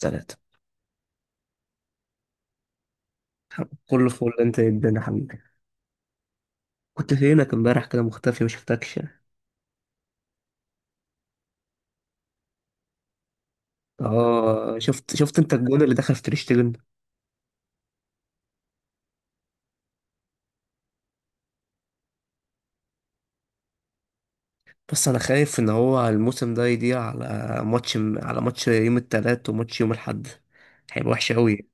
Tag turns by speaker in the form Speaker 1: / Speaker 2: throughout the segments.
Speaker 1: ثلاثة. كله فل، انت يا ابن يا حبيبي. كنت فينك امبارح كده مختفي؟ ما شفتكش. اه، شفت. انت الجون اللي دخل في تريشتجن. بس انا خايف ان هو الموسم ده يضيع على ماتش يوم التلات وماتش يوم الاحد، هيبقى وحش قوي.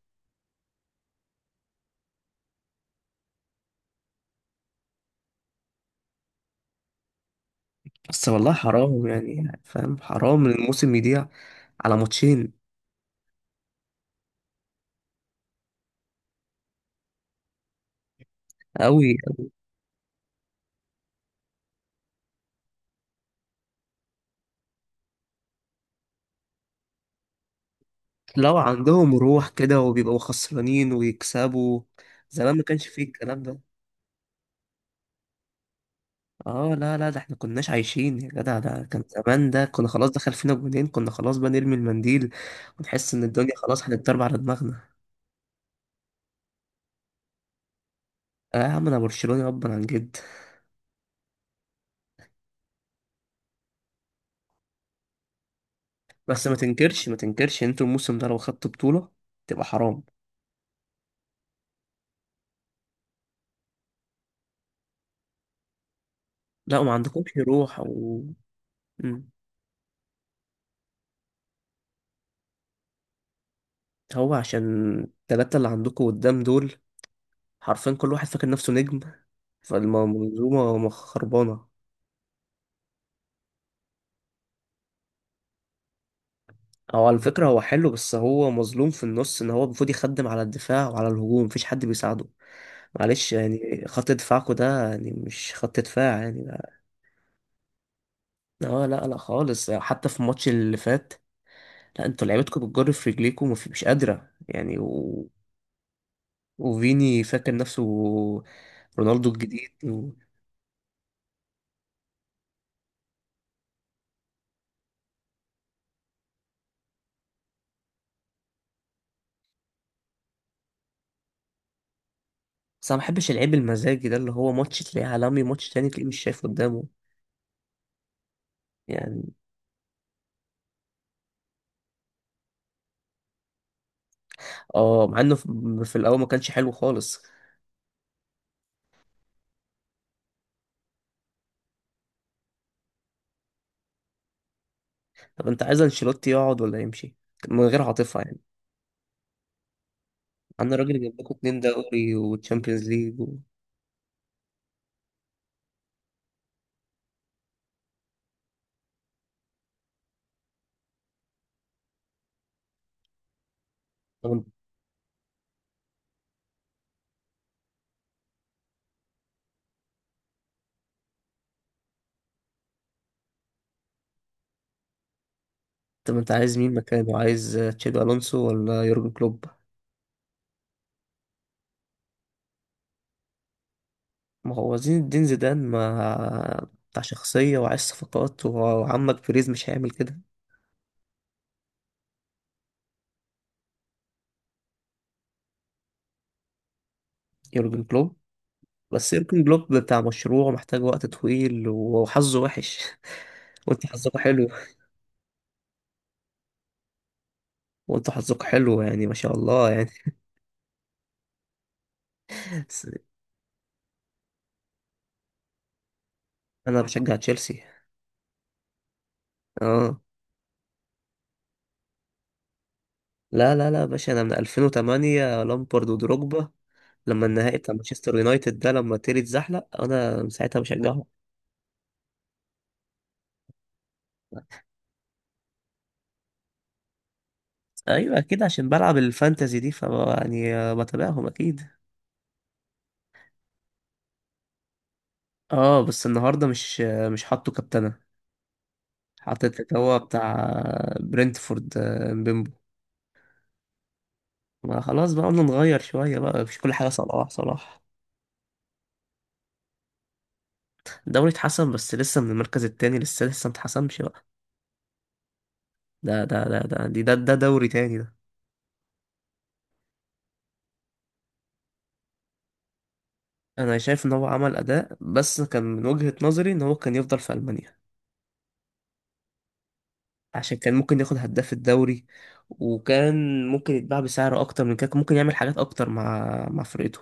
Speaker 1: بس والله حرام، يعني فاهم، حرام ان الموسم يضيع على ماتشين. قوي. لو عندهم روح كده وبيبقوا خسرانين ويكسبوا. زمان ما كانش فيه الكلام ده. اه لا لا، ده احنا كناش عايشين يا جدع. ده كان زمان، ده كنا خلاص دخل فينا جونين، كنا خلاص بقى نرمي المنديل ونحس ان الدنيا خلاص هتتضرب على دماغنا. اه يا عم، انا برشلوني ابا عن جد. بس ما تنكرش، انتوا الموسم ده لو خدتوا بطولة تبقى حرام. لا، وما عندكمش روح، او... مم. هو عشان التلاتة اللي عندكم قدام دول حرفيا كل واحد فاكر نفسه نجم، فالمنظومة مخربانة. هو على فكرة هو حلو، بس هو مظلوم في النص، ان هو المفروض يخدم على الدفاع وعلى الهجوم، مفيش حد بيساعده. معلش يعني، خط دفاعكو ده يعني مش خط دفاع يعني ده. اه لا لا خالص، حتى في الماتش اللي فات، لا انتوا لعيبتكم بتجر في رجليكم، مش قادرة يعني، و... وفيني فاكر نفسه رونالدو الجديد، و... بس انا ما بحبش اللعيب المزاجي ده، اللي هو ماتش تلاقيه عالمي، ماتش تاني تلاقيه مش شايف قدامه يعني. اه، مع انه في الاول ما كانش حلو خالص. طب انت عايز انشيلوتي يقعد ولا يمشي؟ من غير عاطفة يعني. انا راجل جاب لكم اتنين دوري وتشامبيونز ليج، و... طب انت طب انت عايز مين مكانه؟ عايز تشابي الونسو ولا يورجن كلوب؟ ما هو زين الدين زيدان ما بتاع شخصية، وعايز صفقات، وعمك بيريز مش هيعمل كده. يورجن كلوب. بس يورجن كلوب بتاع مشروع محتاج وقت طويل، وحظه وحش. وانت حظك حلو. وانت حظك حلو يعني، ما شاء الله يعني. بس انا بشجع تشيلسي. اه لا لا لا يا باشا، انا من 2008، لامبرد ودروجبا، لما النهائي بتاع مانشستر يونايتد ده، لما تيري اتزحلق، انا من ساعتها بشجعهم. ايوه اكيد، عشان بلعب الفانتازي دي، ف يعني بتابعهم اكيد. اه بس النهارده مش حاطه كابتنه. حطيت اللي هو بتاع برنتفورد، مبيمبو. ما خلاص بقى، قلنا نغير شويه بقى، مش كل حاجه صلاح صلاح. الدوري اتحسن، بس لسه من المركز التاني، لسه لسه متحسمش بقى. ده دوري تاني ده. انا شايف ان هو عمل اداء، بس كان من وجهة نظري ان هو كان يفضل في المانيا، عشان كان ممكن ياخد هداف الدوري، وكان ممكن يتباع بسعر اكتر من كده، كان ممكن يعمل حاجات اكتر مع فرقته.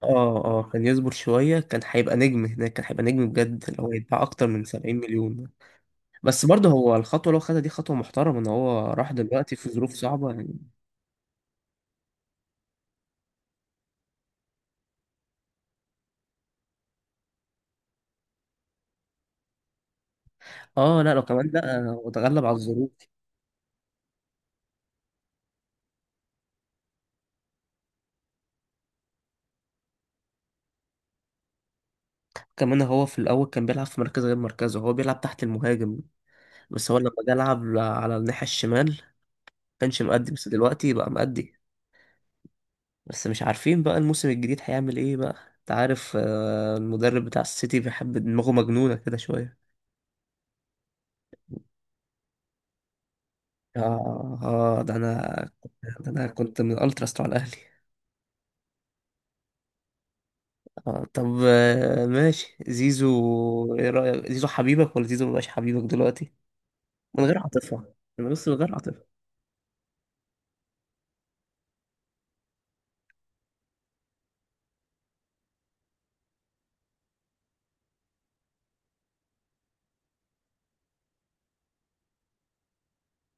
Speaker 1: اه اه، كان يصبر شوية، كان هيبقى نجم هناك، كان هيبقى نجم بجد، اللي هو يتباع اكتر من 70 مليون. بس برضه هو الخطوة اللي هو خدها دي خطوة محترمة، ان هو راح دلوقتي في ظروف صعبة يعني. اه لا، لو كمان لا، هو اتغلب على الظروف. كمان هو في الاول كان بيلعب في مركز غير مركزه، هو بيلعب تحت المهاجم، بس هو لما جه لعب على الناحية الشمال كانش مأدي، بس دلوقتي بقى مأدي. بس مش عارفين بقى الموسم الجديد هيعمل ايه بقى، انت عارف، المدرب بتاع السيتي بيحب دماغه مجنونة كده شوية. اه اه ده انا، ده انا كنت من الالتراس بتاع الاهلي. آه طب آه ماشي، زيزو ايه رأيك؟ زيزو حبيبك ولا زيزو مبقاش حبيبك دلوقتي؟ من غير عاطفة. انا بس من غير عاطفة.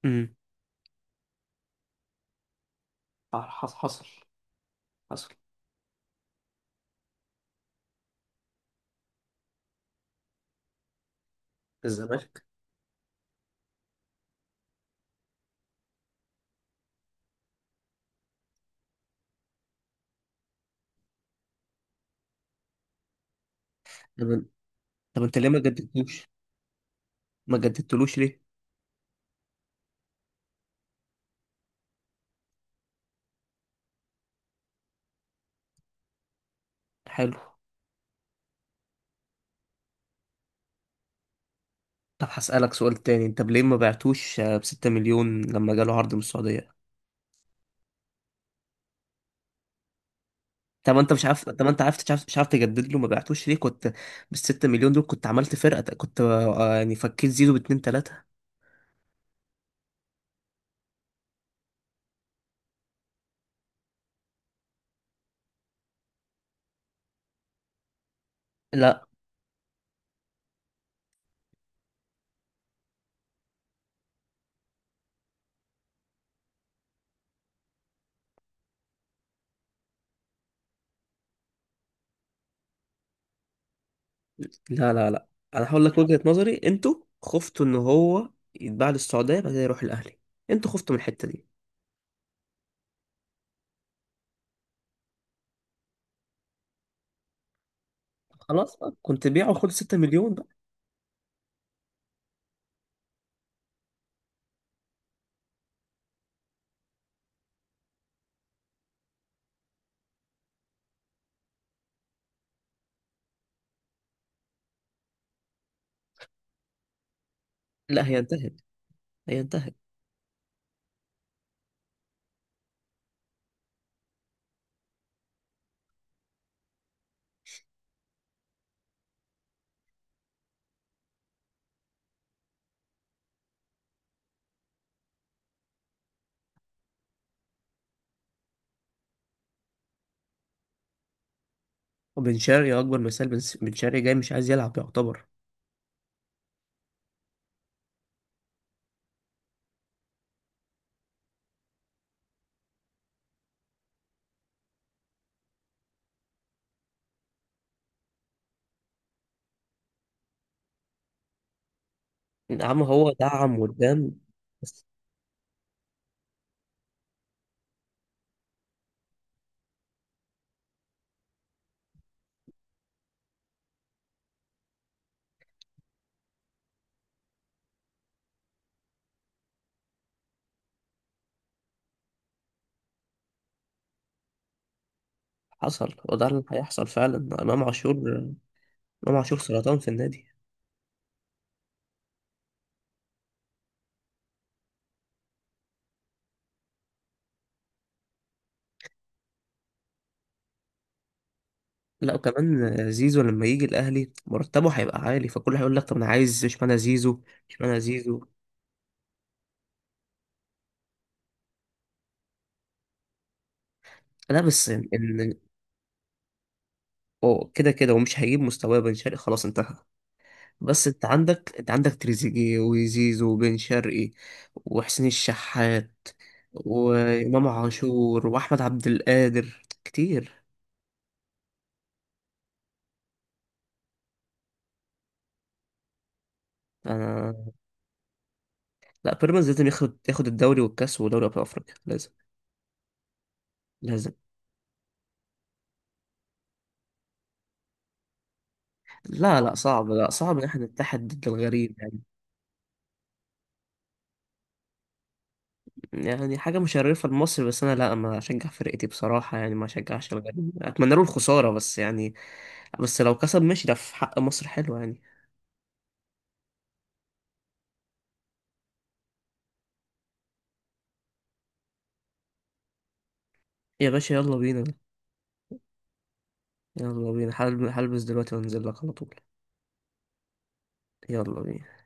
Speaker 1: امم حصل حصل. حصل. الزمالك. طب طب انت ليه ما جددتوش؟ ما جددتلوش ليه؟ حلو. طب هسألك سؤال تاني، انت ليه ما بعتوش، بستة مليون، لما جاله عرض من السعودية؟ طب انت مش عارف، طب انت عرفت مش عارف تجدد له، ما بعتوش ليه؟ كنت بالستة مليون دول كنت عملت فرقة، كنت يعني فكيت زيزو باتنين تلاتة. لا لا لا لا، انا هقول لك وجهة نظري. انتوا خفتوا ان هو يتباع للسعودية بعد كده يروح الاهلي، انتوا خفتوا من الحتة دي. خلاص بقى كنت بيعه وخد ستة مليون بقى. لا هي انتهت، هي انتهت. وبن شرقي اكبر مثال، بن شرقي جاي مش عايز يلعب يعتبر. يا عم هو دعم قدام. بس حصل، وده اللي هيحصل فعلا. امام عاشور. امام عاشور سرطان في النادي. لا، وكمان زيزو لما يجي الاهلي مرتبه هيبقى عالي، فكل هيقول لك طب انا عايز اشمعنى زيزو. اشمعنى زيزو. لا، بس ان هو كده كده ومش هيجيب مستواه، بن شرقي خلاص انتهى. بس انت عندك تريزيجيه وزيزو وبن شرقي وحسين الشحات وامام عاشور واحمد عبد القادر، كتير. لا، بيراميدز لازم ياخد الدوري والكاس ودوري ابطال افريقيا، لازم. لازم. لا لا صعب، لا صعب ان احنا نتحد ضد الغريب يعني. يعني حاجه مشرفه لمصر، بس انا لا، ما اشجع فرقتي بصراحه يعني، ما اشجعش الغريب، اتمنى له الخساره بس يعني. بس لو كسب ماشي، ده في حق مصر، حلو يعني. يا باشا يلا بينا. يلا بينا، هلبس دلوقتي وانزل لك على طول. يلا بينا.